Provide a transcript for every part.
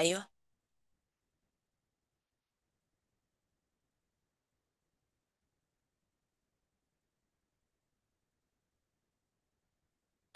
ايوه.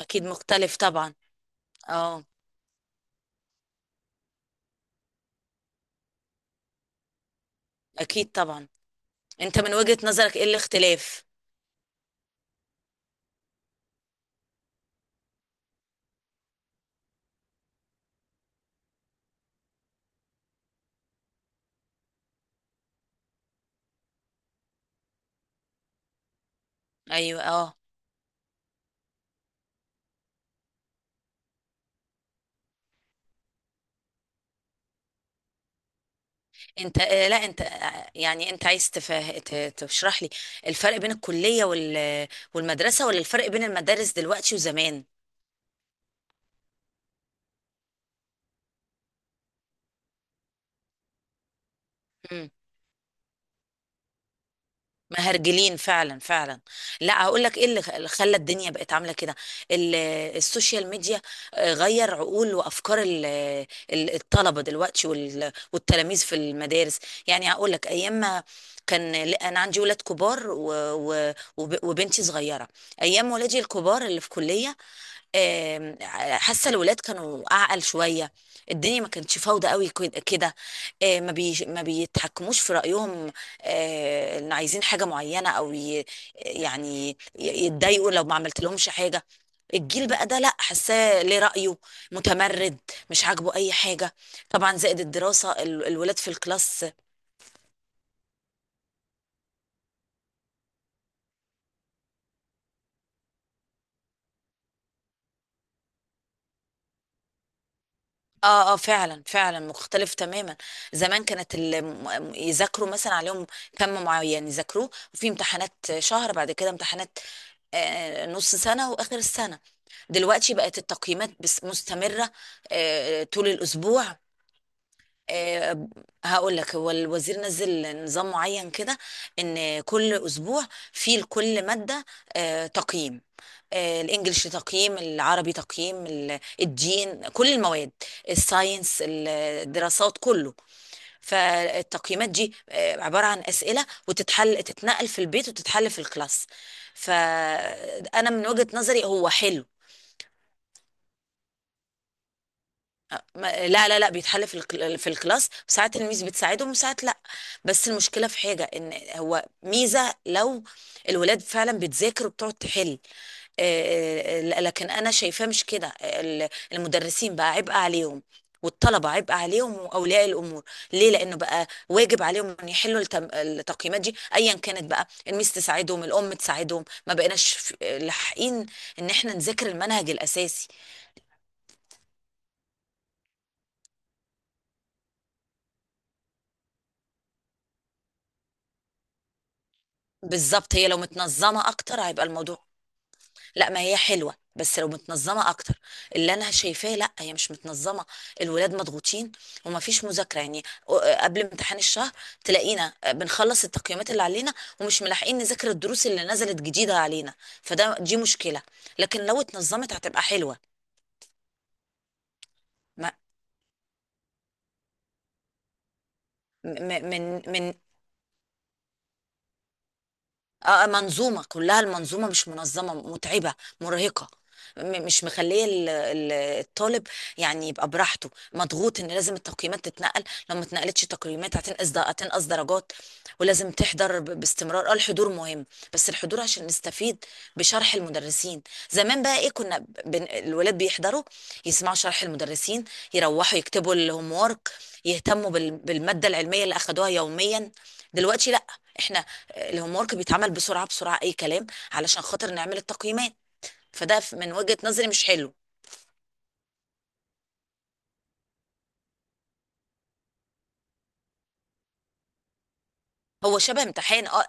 اكيد مختلف طبعا. اه. اكيد طبعا. انت، من وجهة نظرك، ايه الاختلاف؟ ايوه. اه. انت لا، انت، يعني انت عايز تشرح لي الفرق بين الكلية والمدرسة، ولا الفرق بين المدارس دلوقتي وزمان؟ مهرجلين، فعلا فعلا. لا، هقول لك ايه اللي خلى الدنيا بقت عامله كده، ال- السوشيال ميديا. غير عقول وافكار الطلبه دلوقتي والتلاميذ في المدارس. يعني هقول لك، ايام ما كان، لا، انا عندي ولاد كبار وبنتي صغيره. ايام ولادي الكبار اللي في كليه، آم، حاسه الولاد كانوا اعقل شويه. الدنيا ما كانتش فوضى قوي كده. ما بيتحكموش في رايهم. ان عايزين حاجه معينه، يعني يتضايقوا لو ما عملت لهمش حاجه. الجيل بقى ده، لا، حاساه ليه رأيه. متمرد، مش عاجبه اي حاجة. طبعا، زائد الدراسة، الولاد في الكلاس. اه، اه، فعلا فعلا مختلف تماما. زمان كانت يذاكروا مثلا، عليهم كم معين يذاكروه، وفي امتحانات، شهر بعد كده امتحانات. آه، نص سنة وآخر السنة. دلوقتي بقت التقييمات بس مستمرة. طول الأسبوع. آه، هقول لك، هو الوزير نزل نظام معين كده، ان كل اسبوع في لكل ماده تقييم. الانجليش تقييم، العربي تقييم، الدين، كل المواد. الساينس، الدراسات، كله. فالتقييمات دي عباره عن اسئله، وتتحل، تتنقل في البيت وتتحل في الكلاس. فانا من وجهه نظري، هو حلو. لا، لا، لا، بيتحل في الكلاس، ساعات الميس بتساعدهم وساعات لا. بس المشكله في حاجه، ان هو ميزه لو الولاد فعلا بتذاكر وبتقعد تحل. لكن انا شايفاه مش كده، المدرسين بقى عبء عليهم. والطلبه عبء عليهم، واولياء الامور. ليه؟ لانه بقى واجب عليهم ان يحلوا التقييمات دي ايا كانت، بقى الميس تساعدهم، الام تساعدهم، ما بقيناش لاحقين. ان احنا نذاكر المنهج الاساسي. بالظبط، هي لو متنظمه اكتر هيبقى الموضوع. لا، ما هي حلوه، بس لو متنظمه اكتر. اللي انا شايفاه، لا، هي مش متنظمه. الولاد مضغوطين، وما فيش مذاكره يعني. قبل امتحان الشهر، تلاقينا بنخلص التقييمات اللي علينا، ومش ملاحقين نذاكر الدروس اللي نزلت جديده علينا. دي مشكله. لكن لو اتنظمت هتبقى حلوه. ما- م- م- من من اه، منظومة، كلها المنظومة مش منظمة، متعبة، مرهقة. مش مخلية الطالب يعني يبقى براحته، مضغوط ان لازم التقييمات تتنقل. لو ما اتنقلتش تقييمات هتنقص درجات. ولازم تحضر باستمرار، اه، الحضور مهم. بس الحضور عشان نستفيد بشرح المدرسين. زمان بقى ايه؟ كنا الولاد بيحضروا، يسمعوا شرح المدرسين، يروحوا يكتبوا الهوم وورك، يهتموا بالمادة العلمية اللي اخدوها يوميا. دلوقتي لا، احنا الهوم ورك بيتعمل بسرعه بسرعه، اي كلام، علشان خاطر نعمل التقييمات. من وجهه نظري مش حلو. هو شبه امتحان، اه.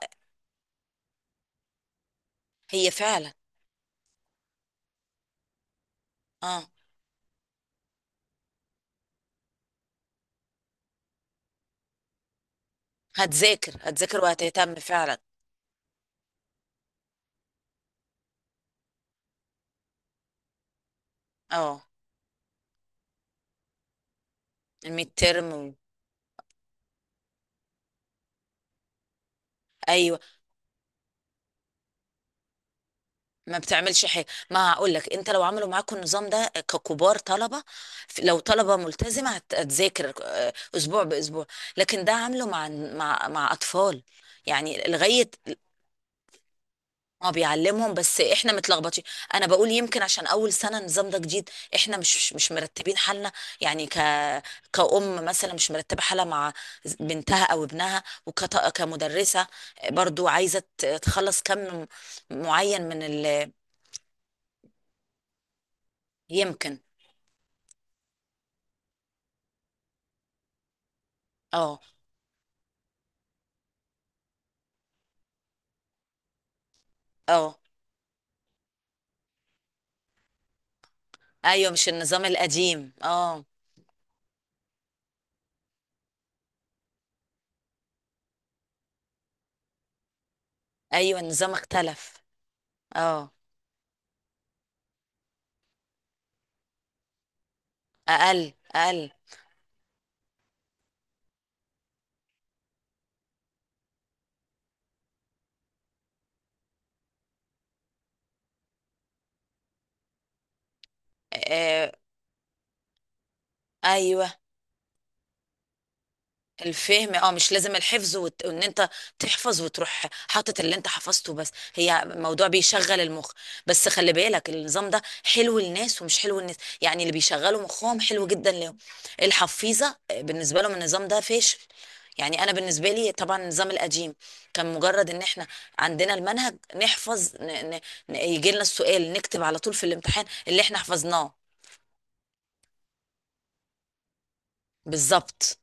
هي فعلا، اه. هتذاكر هتذاكر وهتهتم فعلا. اه، الميد ترم. ايوه، ما بتعملش حاجه، ما هقول لك، انت لو عملوا معاكم النظام ده ككبار طلبه، لو طلبه ملتزمه هتذاكر اسبوع باسبوع. لكن ده عامله مع اطفال، يعني لغايه. ما بيعلمهم، بس احنا متلخبطين. انا بقول يمكن عشان اول سنه النظام ده جديد، احنا مش مرتبين حالنا. يعني كأم مثلا مش مرتبه حالها مع بنتها او ابنها، كمدرسه برضو عايزه تخلص كم معين يمكن. اه. اه. ايوه، مش النظام القديم، اه. ايوه، النظام اختلف. اه، اقل اقل. آه، ايوه، الفهم، اه، مش لازم الحفظ، وان انت تحفظ وتروح حاطط اللي انت حفظته، بس هي موضوع بيشغل المخ. بس خلي بالك، النظام ده حلو للناس ومش حلو للناس. يعني اللي بيشغلوا مخهم حلو جدا لهم. الحفيظة، بالنسبة لهم النظام ده فاشل. يعني انا بالنسبة لي طبعا النظام القديم كان مجرد ان احنا عندنا المنهج نحفظ. يجي لنا السؤال نكتب على طول في الامتحان اللي احنا حفظناه. بالظبط.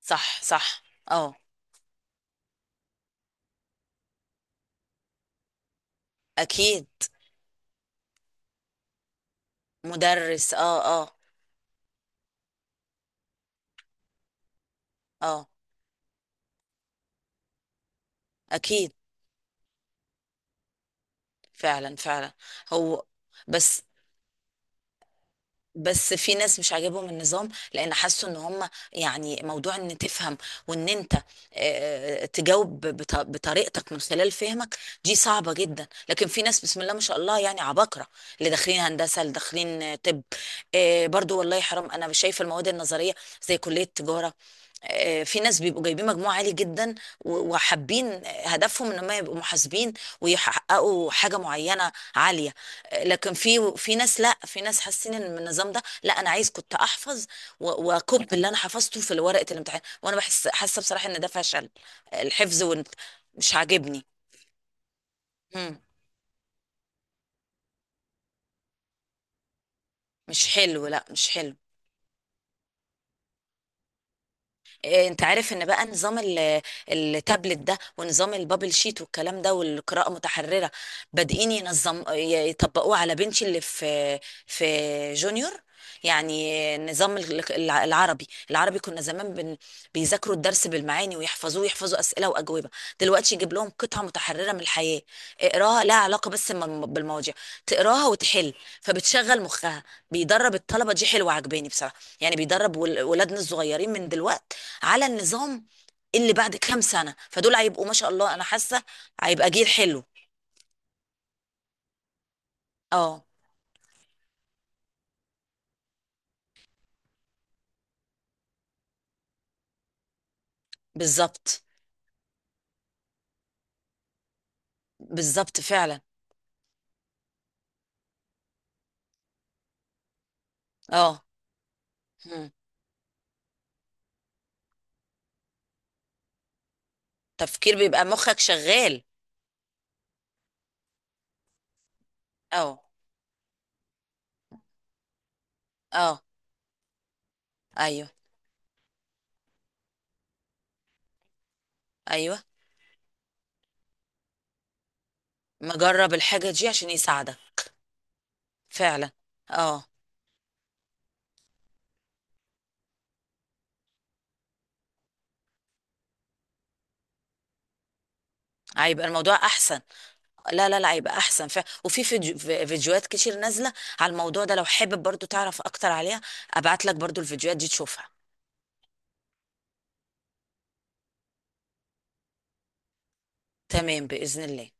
صح، صح. اه، اكيد. مدرس. اه. آه. اه، اكيد، فعلا فعلا، هو بس بس في ناس مش عاجبهم النظام، لان حسوا ان هم، يعني، موضوع ان تفهم وان انت تجاوب بطريقتك من خلال فهمك، دي صعبة جدا. لكن في ناس بسم الله ما شاء الله، يعني عباقرة، اللي داخلين هندسة، اللي داخلين طب. برضو والله حرام، انا شايفة المواد النظرية، زي كلية تجارة، في ناس بيبقوا جايبين مجموع عالي جدا وحابين، هدفهم ان هم يبقوا محاسبين، ويحققوا حاجة معينة عالية. لكن في ناس، لا، في ناس حاسين ان النظام ده، لا، انا عايز كنت احفظ واكب اللي انا حفظته في ورقه الامتحان، وانا حاسه بصراحه ان ده فشل، الحفظ مش عاجبني. مم. مش حلو، لا، مش حلو. إيه، انت عارف ان بقى نظام التابلت ده ونظام البابل شيت والكلام ده، والقراءة متحررة، بادئين يطبقوه على بنتي اللي في جونيور. يعني نظام العربي، كنا زمان بيذاكروا الدرس بالمعاني ويحفظوه، يحفظوا أسئلة وأجوبة. دلوقتي يجيب لهم قطعة متحررة من الحياة، اقراها لها علاقة بس بالمواضيع، تقراها وتحل، فبتشغل مخها. بيدرب الطلبة، دي حلوة، عجباني بصراحة. يعني بيدرب ولادنا الصغيرين من دلوقتي على النظام، اللي بعد كام سنة فدول هيبقوا ما شاء الله، أنا حاسة هيبقى جيل حلو. اه. بالظبط، بالظبط فعلا. اه. مم. تفكير، بيبقى مخك شغال. اه، اه، ايوه، ايوه. مجرب الحاجة دي عشان يساعدك. فعلا. اه. هيبقى الموضوع احسن. لا، لا، لا، هيبقى احسن فعلا. وفي فيديوهات كتير نازلة على الموضوع ده، لو حابب برضو تعرف اكتر عليها ابعت لك برضو الفيديوهات دي تشوفها. تمام، بإذن الله.